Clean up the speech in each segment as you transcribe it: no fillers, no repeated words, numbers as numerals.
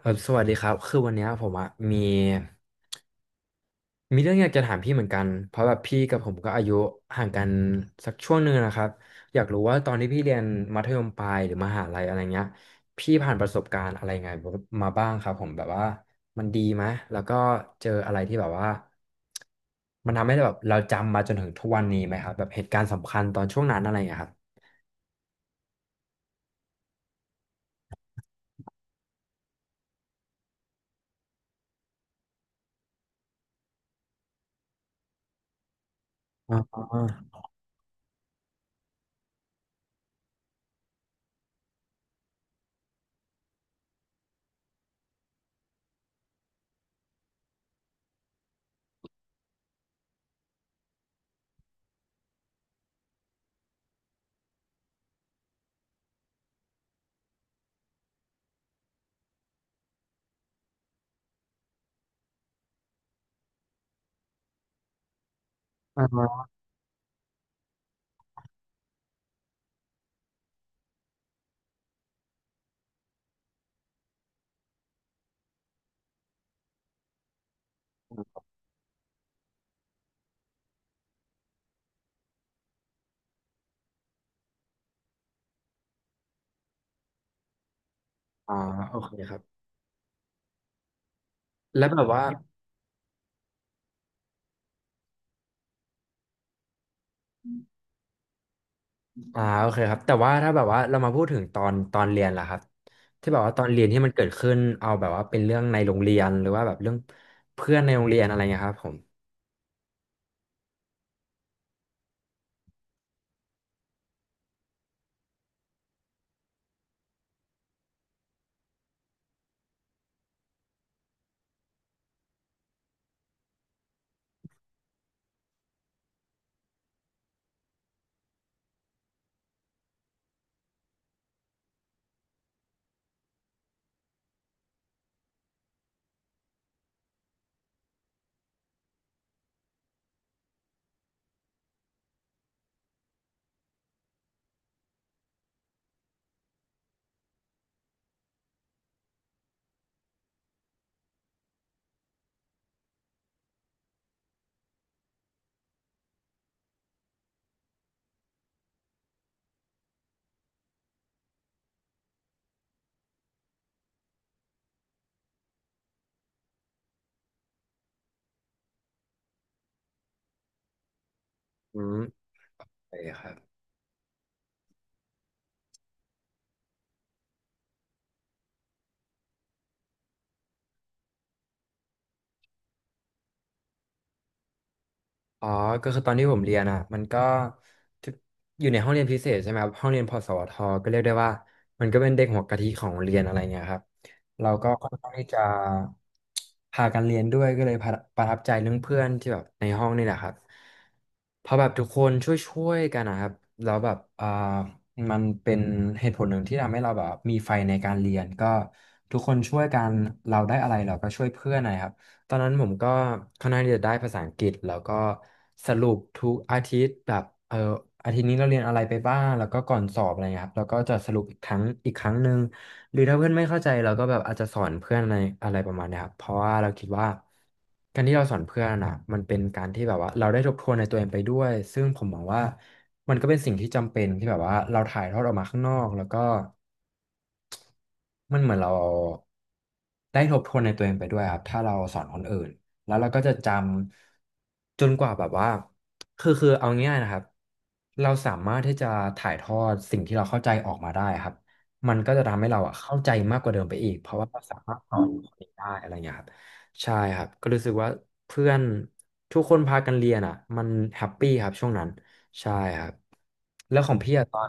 ครัสวัสดีครับคือวันเนี้ยผมอะมีเรื่องอยากจะถามพี่เหมือนกันเพราะแบบพี่กับผมก็อายุห่างกันสักช่วงหนึ่งนะครับอยากรู้ว่าตอนที่พี่เรียนมัธยมปลายหรือมหาลัยอะไรเงี้ยพี่ผ่านประสบการณ์อะไรไงมาบ้างครับผมแบบว่ามันดีไหมแล้วก็เจออะไรที่แบบว่ามันทำให้แบบเราจำมาจนถึงทุกวันนี้ไหมครับแบบเหตุการณ์สำคัญตอนช่วงนั้นอะไรเงี้ยครับอ่าอ่าโอเคครับแล้วแบบว่า โอเคครับแต่ว่าถ้าแบบว่าเรามาพูดถึงตอนเรียนล่ะครับที่แบบว่าตอนเรียนที่มันเกิดขึ้นเอาแบบว่าเป็นเรื่องในโรงเรียนหรือว่าแบบเรื่องเพื่อนในโรงเรียนอะไรเงี้ยครับผมอืมโอเคครับ อ๋อก็คือตอนที่ผมเรียนอ่ะมันก็ทุกอยู่ในห้องเรียนพิเศษใช่ไหมครับห้องเรียนพสวทก็เรียกได้ว่ามันก็เป็นเด็กหัวกะทิของโรงเรียนอะไรเงี้ยครับเราก็ค่อนข้างที่จะพากันเรียนด้วยก็เลยประทับใจเรื่องเพื่อนที่แบบในห้องนี่แหละครับเพราะแบบทุกคนช่วยๆกันนะครับแล้วแบบมันเป็นเหตุผลหนึ่งที่ทำให้เราแบบมีไฟในการเรียนก็ทุกคนช่วยกันเราได้อะไรเราก็ช่วยเพื่อนนะครับ ตอนนั้นผมก็ค่อนข้างที่จะได้ภาษาอังกฤษแล้วก็สรุปทุกอาทิตย์แบบเอออาทิตย์นี้เราเรียนอะไรไปบ้างแล้วก็ก่อนสอบอะไรเงี้ยครับแล้วก็จะสรุปอีกครั้งหนึ่งหรือถ้าเพื่อนไม่เข้าใจเราก็แบบอาจจะสอนเพื่อนอะไรอะไรประมาณเนี้ยครับเพราะว่าเราคิดว่าการที่เราสอนเพื่อนอ่ะมันเป็นการที่แบบว่าเราได้ทบทวนในตัวเองไปด้วยซึ่งผมมองว่ามันก็เป็นสิ่งที่จำเป็นที่แบบว่าเราถ่ายทอดออกมาข้างนอกแล้วก็ มันเหมือนเราได้ทบทวนในตัวเองไปด้วยครับถ้าเราสอนคนอื่นแล้วเราก็จะจำจนกว่าแบบว่าคือเอาง่ายๆนะครับเราสามารถที่จะถ่ายทอดสิ่งที่เราเข้าใจออกมาได้ครับมันก็จะทำให้เราอะเข้าใจมากกว่าเดิมไปอีกเพราะว่าเราสามารถสอนคนอื่นได้อะไรอย่างเงี้ยครับใช่ครับก็รู้สึกว่าเพื่อนทุกคนพากันเรียนอ่ะมันแฮปปี้ครับช่วงนั้นใช่ครับแล้วของพี่อะตอน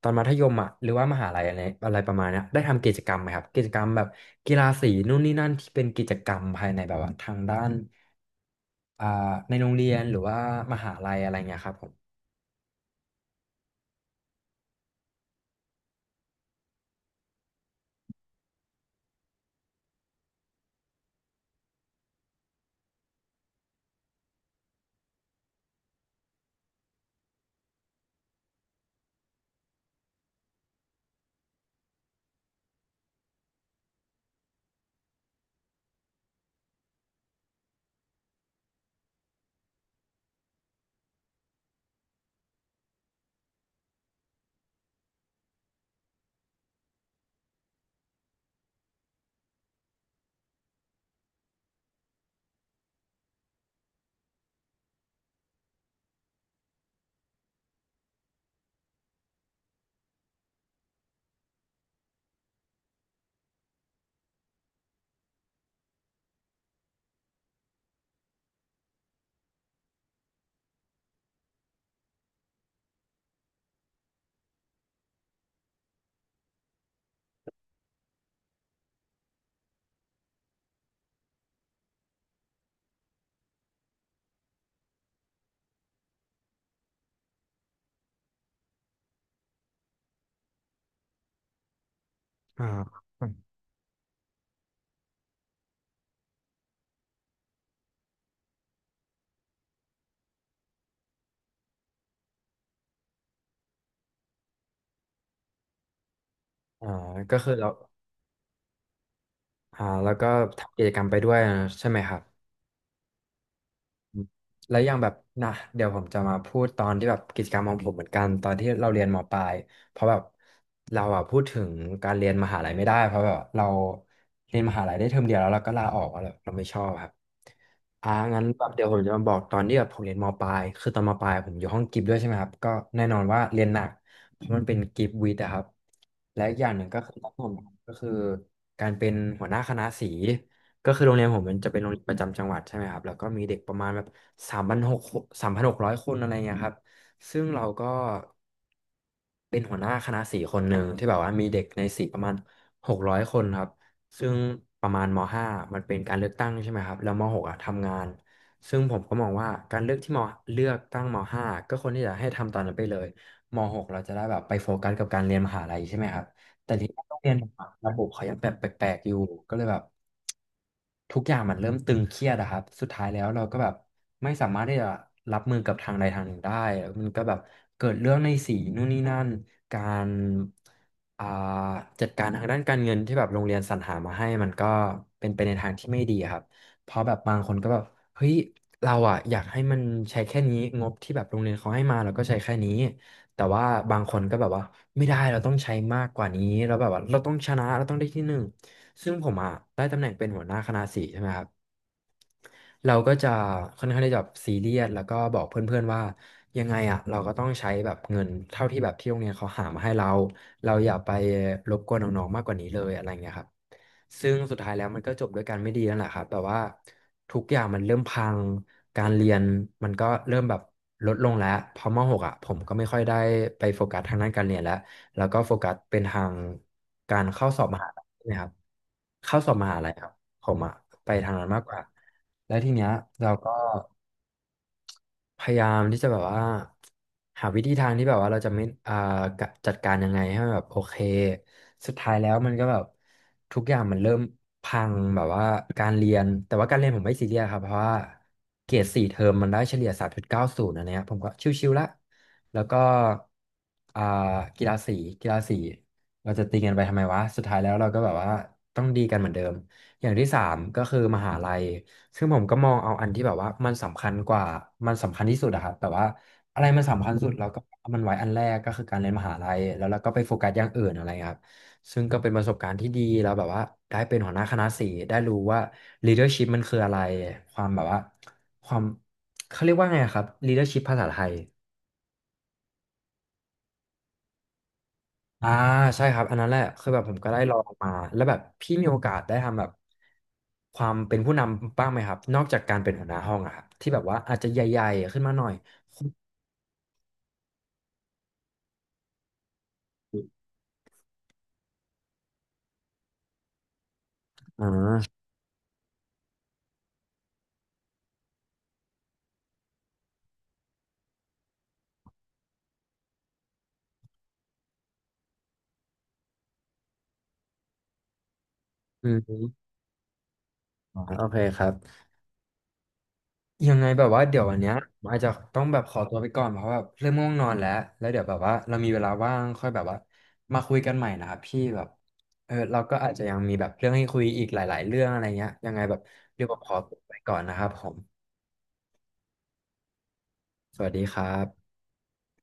ตอนมัธยมอ่ะหรือว่ามหาลัยอะไรอะไรประมาณเนี้ยได้ทำกิจกรรมไหมครับกิจกรรมแบบกีฬาสีนู่นนี่นั่นที่เป็นกิจกรรมภายในแบบว่าทางด้านอ่าในโรงเรียนหรือว่ามหาลัยอะไรเงี้ยครับผมอ่าอ่าก็คือเราแล้วก็ทำกิจกรรมไปด้วยใช่ไหมครับ แล้วอยังแบบนะเดี๋ยวผมจะมาพูดตอนที่แบบกิจกรรมของผมเหมือนกันตอนที่เราเรียนมปลายเพราะแบบเราอะพูดถึงการเรียนมหาลัยไม่ได้เพราะแบบเราเรียนมหาลัยได้เทอมเดียวแล้วเราก็ลาออกแล้วเราไม่ชอบครับงั้นแบบเดี๋ยวผมจะมาบอกตอนที่แบบผมเรียนมปลายคือตอนมปลายผมอยู่ห้องกิฟต์ด้วยใช่ไหมครับก็แน่นอนว่าเรียนหนักเพราะมันเป็นกิฟต์วิทย์อะครับ และอีกอย่างหนึ่งก็คือตองผมก็คือการเป็นหัวหน้าคณะสีก็คือโรงเรียนผมมันจะเป็นโรงเรียนประจำจังหวัดใช่ไหมครับแล้วก็มีเด็กประมาณแบบสามพันหก3,600 คนอะไรเงี้ยครับซึ่งเราก็เป็นหัวหน้าคณะสีคนหนึ่งที่แบบว่ามีเด็กในสีประมาณหกร้อยคนครับซึ่งประมาณมห้ามันเป็นการเลือกตั้งใช่ไหมครับแล้วมหกอะทำงานซึ่งผมก็มองว่าการเลือกที่มเลือกตั้งมห้าก็ควรที่จะให้ทำตอนนั้นไปเลยมหกเราจะได้แบบไปโฟกัสกับการเรียนมหาลัยใช่ไหมครับ แต่ที่โรงเรียนผมอะระบบเขายังแบบแปลกๆอยู่ก็เลยแบบทุกอย่างมันเริ่มตึงเครียดอะครับสุดท้ายแล้วเราก็แบบไม่สามารถที่จะรับมือกับทางใดทางหนึ่งได้แล้วมันก็แบบเกิดเรื่องในสีนู่นนี่นั่นการอ่าจัดการทางด้านการเงินที่แบบโรงเรียนสรรหามาให้มันก็เป็นไปในทางที่ไม่ดีอะครับเพราะแบบบางคนก็แบบเฮ้ยเราอะอยากให้มันใช้แค่นี้งบที่แบบโรงเรียนเขาให้มาเราก็ใช้แค่นี้ แต่ว่าบางคนก็แบบว่าไม่ได้เราต้องใช้มากกว่านี้เราแบบว่าเราต้องชนะเราต้องได้ที่หนึ่งซึ่งผมอ่ะได้ตำแหน่งเป็นหัวหน้าคณะสีใช่ไหมครับเราก็จะค่อนข้างที่จะซีเรียสแล้วก็บอกเพื่อนๆว่ายังไงอ่ะเราก็ต้องใช้แบบเงินเท่าที่แบบที่โรงเรียนเขาหามาให้เราเราอย่าไปรบกวนน้องๆมากกว่านี้เลยอะไรเงี้ยครับ ซึ่งสุดท้ายแล้วมันก็จบด้วยกันไม่ดีนั่นแหละครับแบบว่าทุกอย่างมันเริ่มพังการเรียนมันก็เริ่มแบบลดลงแล้วพอมหกอ่ะผมก็ไม่ค่อยได้ไปโฟกัสทางด้านการเรียนแล้วแล้วก็โฟกัสเป็นทางการเข้าสอบมหาลัยนะครับเข้าสอบมหาลัยครับผมอะไปทางนั้นมากกว่าแล้วทีเนี้ยเราก็ พยายามที่จะแบบว่าหาวิธีทางที่แบบว่าเราจะไม่กะจัดการยังไงให้มันแบบโอเคสุดท้ายแล้วมันก็แบบทุกอย่างมันเริ่มพังแบบว่าการเรียนแต่ว่าการเรียนผมไม่ซีเรียสครับเพราะว่าเกรดสี่เทอมมันได้เฉลี่ยสามจุดเก้าศูนย์อันเนี้ยผมก็ชิวๆละแล้วก็อ่ากีฬาสีกีฬาสีเราจะตีกันไปทำไมวะสุดท้ายแล้วเราก็แบบว่าต้องดีกันเหมือนเดิมอย่างที่สามก็คือมหาลัย ซึ่งผมก็มองเอาอันที่แบบว่ามันสำคัญกว่ามันสำคัญที่สุดอะครับแบบว่าอะไรมันสำคัญสุดเราก็เอามันไว้อันแรกก็คือการเรียนมหาลัยแล้วเราก็ไปโฟกัสอย่างอื่นอะไรครับซึ่งก็เป็นประสบการณ์ที่ดีแล้วแบบว่าได้เป็นหัวหน้าคณะสีได้รู้ว่า leadership มันคืออะไรความแบบว่าความเขาเรียกว่าไงอะครับ leadership ภาษาไทยอ่าใช่ครับอันนั้นแหละคือแบบผมก็ได้ลองมาแล้วแบบพี่มีโอกาสได้ทำแบบความเป็นผู้นำบ้างไหมครับนอกจากการเป็นหัวหน้าห้องอะครับที่แบบว่าอาจจะใหญ่ๆขึ้นมาหน่อย อ่าอืมอ๋อโอเคครับ ยังไงแบบว่าเดี๋ยววันเนี้ยผมอาจจะต้องแบบขอตัวไปก่อนเพราะว่าเริ่มง่วงนอนแล้ว แล้วเดี๋ยวแบบว่าเรามีเวลาว่างค่อยแบบว่ามาคุยกันใหม่นะครับพี่แบบเออเราก็อาจจะยังมีแบบเรื่องให้คุยอีกหลายๆเรื่องอะไรเงี้ยยังไงแบบเดี๋ยวผมขอตัวไปก่อนนะครับผม สวัสดีครับ